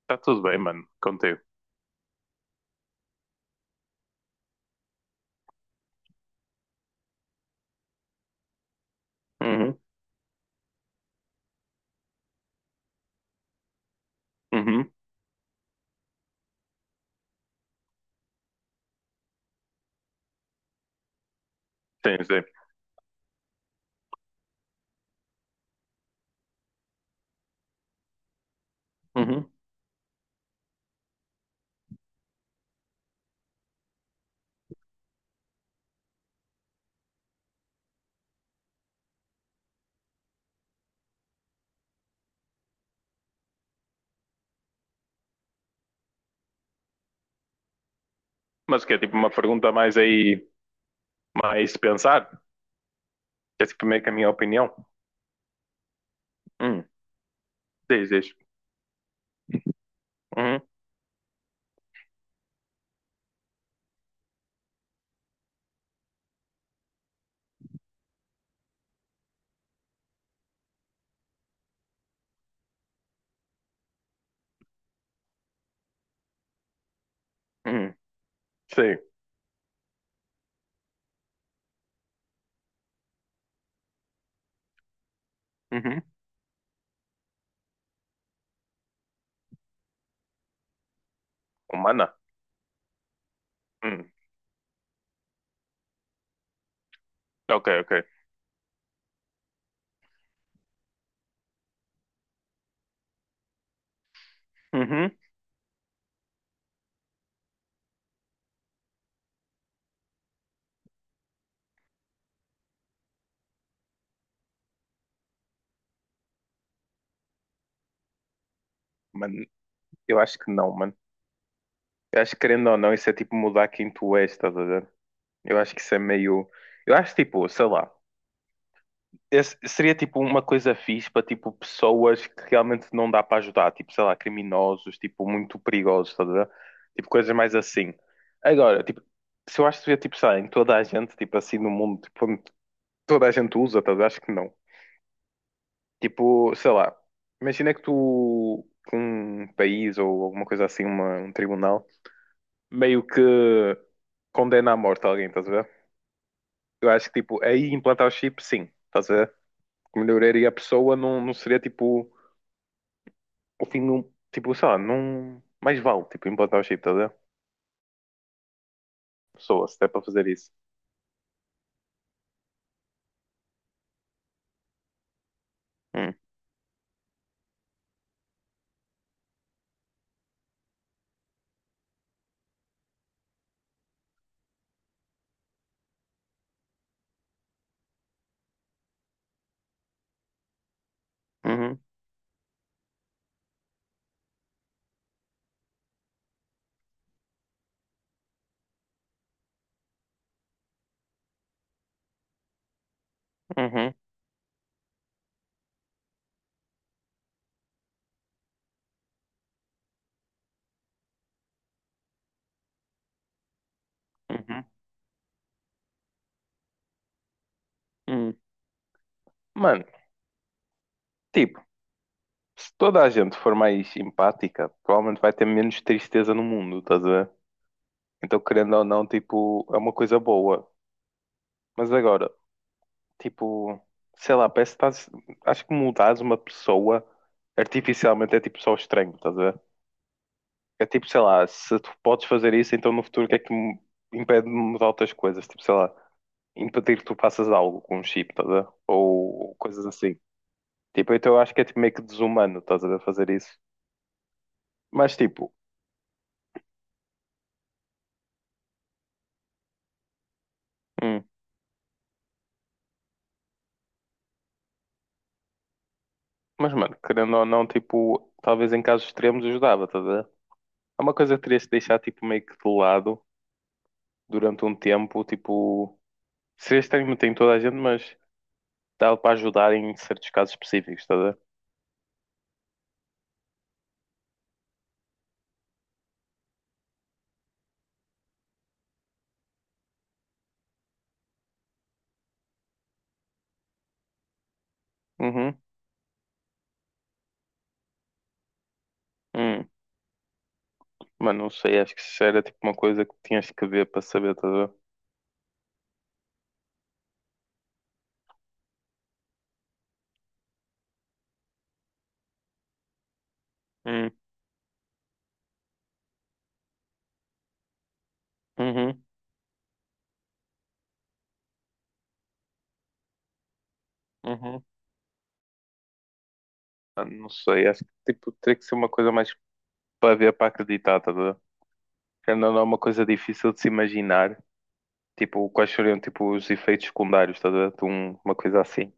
Está tudo bem, mano, contigo. Uhum, uhum. Sim, sim. Uhum. Mas que é tipo uma pergunta mais aí, mais de pensar. Que é tipo meio que a minha opinião. Uhum. Diz, diz. Uhum, uhum. Sim. Uhum. Humana? Hum. Ok, ok. Uhum. Mano, eu acho que não, mano. Eu acho que querendo ou não, isso é tipo mudar quem tu és, estás a ver? Eu acho que isso é meio. Eu acho tipo, sei lá. Esse seria tipo uma coisa fixe para tipo pessoas que realmente não dá para ajudar, tipo, sei lá, criminosos, tipo, muito perigosos, estás a ver? Tipo, coisas mais assim. Agora, tipo, se eu acho que seria tipo, sei lá, em toda a gente, tipo, assim no mundo, tipo, onde toda a gente usa, estás a ver? Acho que não. Tipo, sei lá, imagina que tu, que um país ou alguma coisa assim, um tribunal, meio que condena à morte alguém, estás a ver? Eu acho que, tipo, aí implantar o chip, sim, estás a ver? Melhoraria a pessoa, não, não seria tipo. O fim de um. Tipo, sei lá, não. Mais vale, tipo, implantar o chip, tá a ver? Pessoa, se der para fazer isso. Hum, uhum, uhum, uhum, hum. Mano, tipo, se toda a gente for mais empática, provavelmente vai ter menos tristeza no mundo, estás a ver? Então, querendo ou não, tipo, é uma coisa boa. Mas agora, tipo, sei lá, parece que estás. Acho que mudares uma pessoa artificialmente é tipo só estranho, estás a ver? É tipo, sei lá, se tu podes fazer isso, então no futuro o que é que me impede de mudar outras coisas? Tipo, sei lá, impedir que tu faças algo com um chip, estás a ver? Ou coisas assim. Tipo, então eu acho que é tipo, meio que desumano, estás a ver, fazer isso. Mas tipo, hum, mas mano, querendo ou não, tipo, talvez em casos extremos ajudava, estás a ver? Há uma coisa que terias de deixar tipo meio que de lado durante um tempo, tipo, seria estranho tem toda a gente, mas dá para ajudar em certos casos específicos, estás a ver? Uhum, hum. Mano, não sei, acho que isso era tipo uma coisa que tinhas que ver para saber, estás a ver? Hum, uhum, uhum. Ah, não sei, acho que tipo, teria que ser uma coisa mais para ver, para acreditar, tá a ver? Querendo ou não é uma coisa difícil de se imaginar, tipo, quais seriam tipo, os efeitos secundários, tá a ver? Uma coisa assim.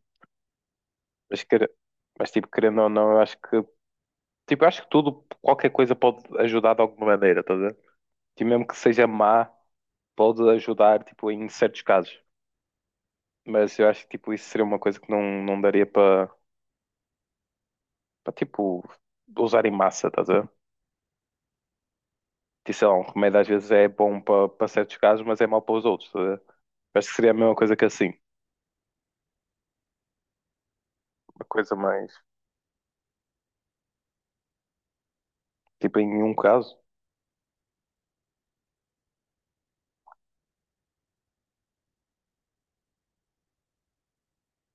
Mas, mas tipo, querendo ou não, eu acho que, tipo, eu acho que tudo, qualquer coisa pode ajudar de alguma maneira, tá a ver? Tipo, mesmo que seja má, pode ajudar, tipo, em certos casos. Mas eu acho que, tipo, isso seria uma coisa que não, não daria para, tipo, usar em massa, tá a ver? Que sei lá, um remédio às vezes é bom para certos casos, mas é mau para os outros. Estás a ver? Acho que seria a mesma coisa que assim. Uma coisa mais. Tipo, em um caso.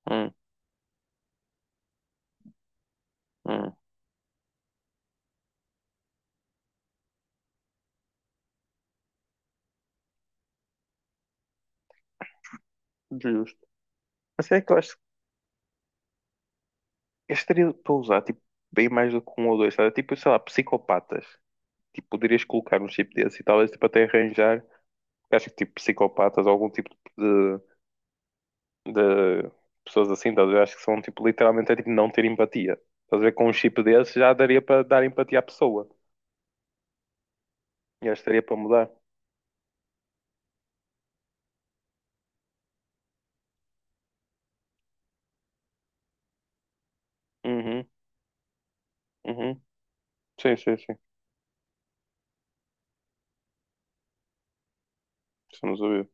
Hum, hum, justo. Mas é que eu acho que este teria para usar, tipo, bem mais do que um ou dois, sabe? Tipo, sei lá, psicopatas. Tipo, poderias colocar um chip desse e talvez, tipo, até arranjar. Eu acho que, tipo, psicopatas ou algum tipo de, de pessoas assim, estás a ver? Eu acho que são, tipo, literalmente é tipo não ter empatia. Estás a ver? Com um chip desse já daria para dar empatia à pessoa. E acho que estaria para mudar. Uhum, uhum. Sim, sim, sim. Estamos a ouvir.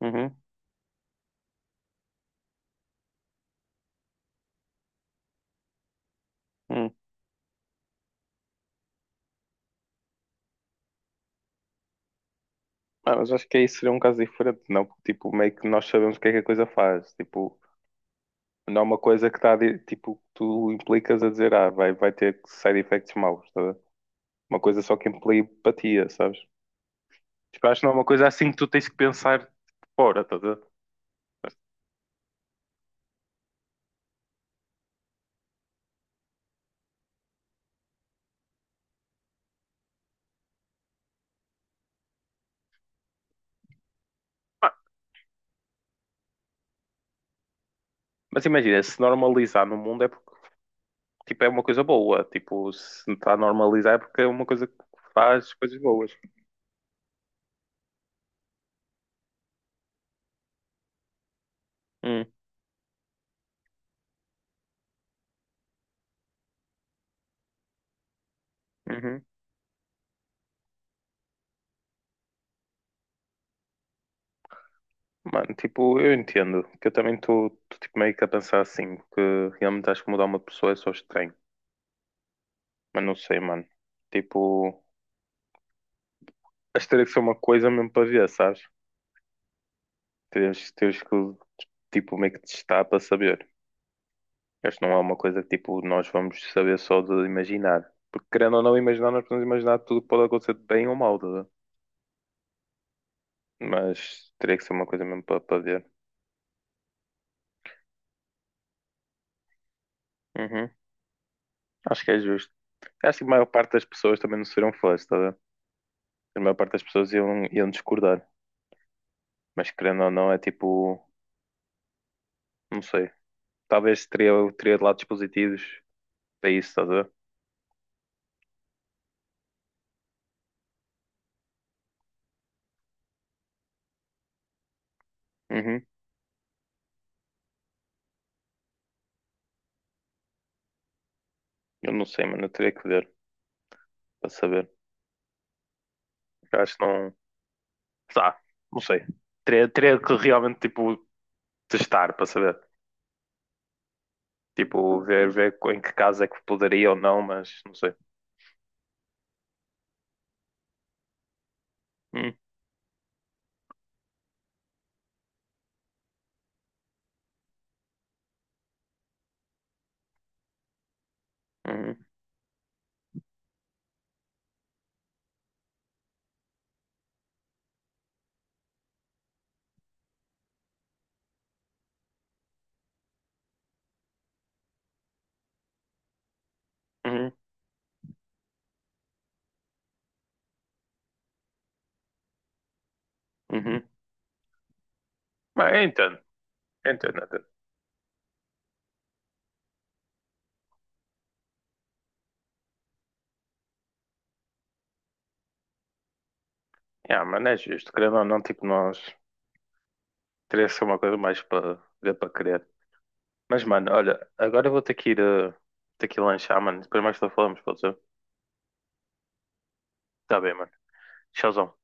Uhum, uhum. Ah, mas acho que aí seria um caso diferente, não? Porque, tipo, meio que nós sabemos o que é que a coisa faz. Tipo, não é uma coisa que está, tipo, que tu implicas a dizer, ah, vai ter side effects maus, tá a ver? Uma coisa só que implica empatia, sabes? Tipo, acho que não é uma coisa assim que tu tens que pensar fora, tá a ver? Ah, mas imagina, se normalizar no mundo é porque, tipo, é uma coisa boa. Tipo, se está a normalizar é porque é uma coisa que faz coisas boas. Hum, uhum. Mano, tipo, eu entendo que eu também estou tipo, meio que a pensar assim, que realmente acho que mudar uma pessoa é só estranho. Mas não sei, mano. Tipo, acho que teria que ser uma coisa mesmo para ver, sabes? Terias, terias que, tipo, meio que testar para saber. Acho que não é uma coisa que, tipo, nós vamos saber só de imaginar. Porque querendo ou não imaginar, nós podemos imaginar tudo que pode acontecer de bem ou mal, tá a ver? Mas teria que ser uma coisa mesmo para ver. Uhum. Acho que é justo. Acho que a maior parte das pessoas também não seriam fãs, tá a ver? A maior parte das pessoas iam discordar. Mas querendo ou não, é tipo, não sei. Talvez teria, teria lados positivos para isso, estás a ver? Uhum. Eu não sei, mano. Eu teria que ver para saber. Eu acho que não. Tá, não sei. Teria, teria que realmente, tipo, testar para saber. Tipo, ver, em que caso é que poderia ou não, mas não sei. Hum, Uhum, uhum, uhum. Mas eu entendo, eu entendo, eu entendo. Yeah, mano, é justo. Querendo ou não, tipo, nós. Teria que ser uma coisa mais para ver para querer. Mas, mano, olha, agora eu vou ter que ir, ter que ir lanchar, mano. Depois mais tarde falamos, pode ser? Tá bem, mano. Tchauzão.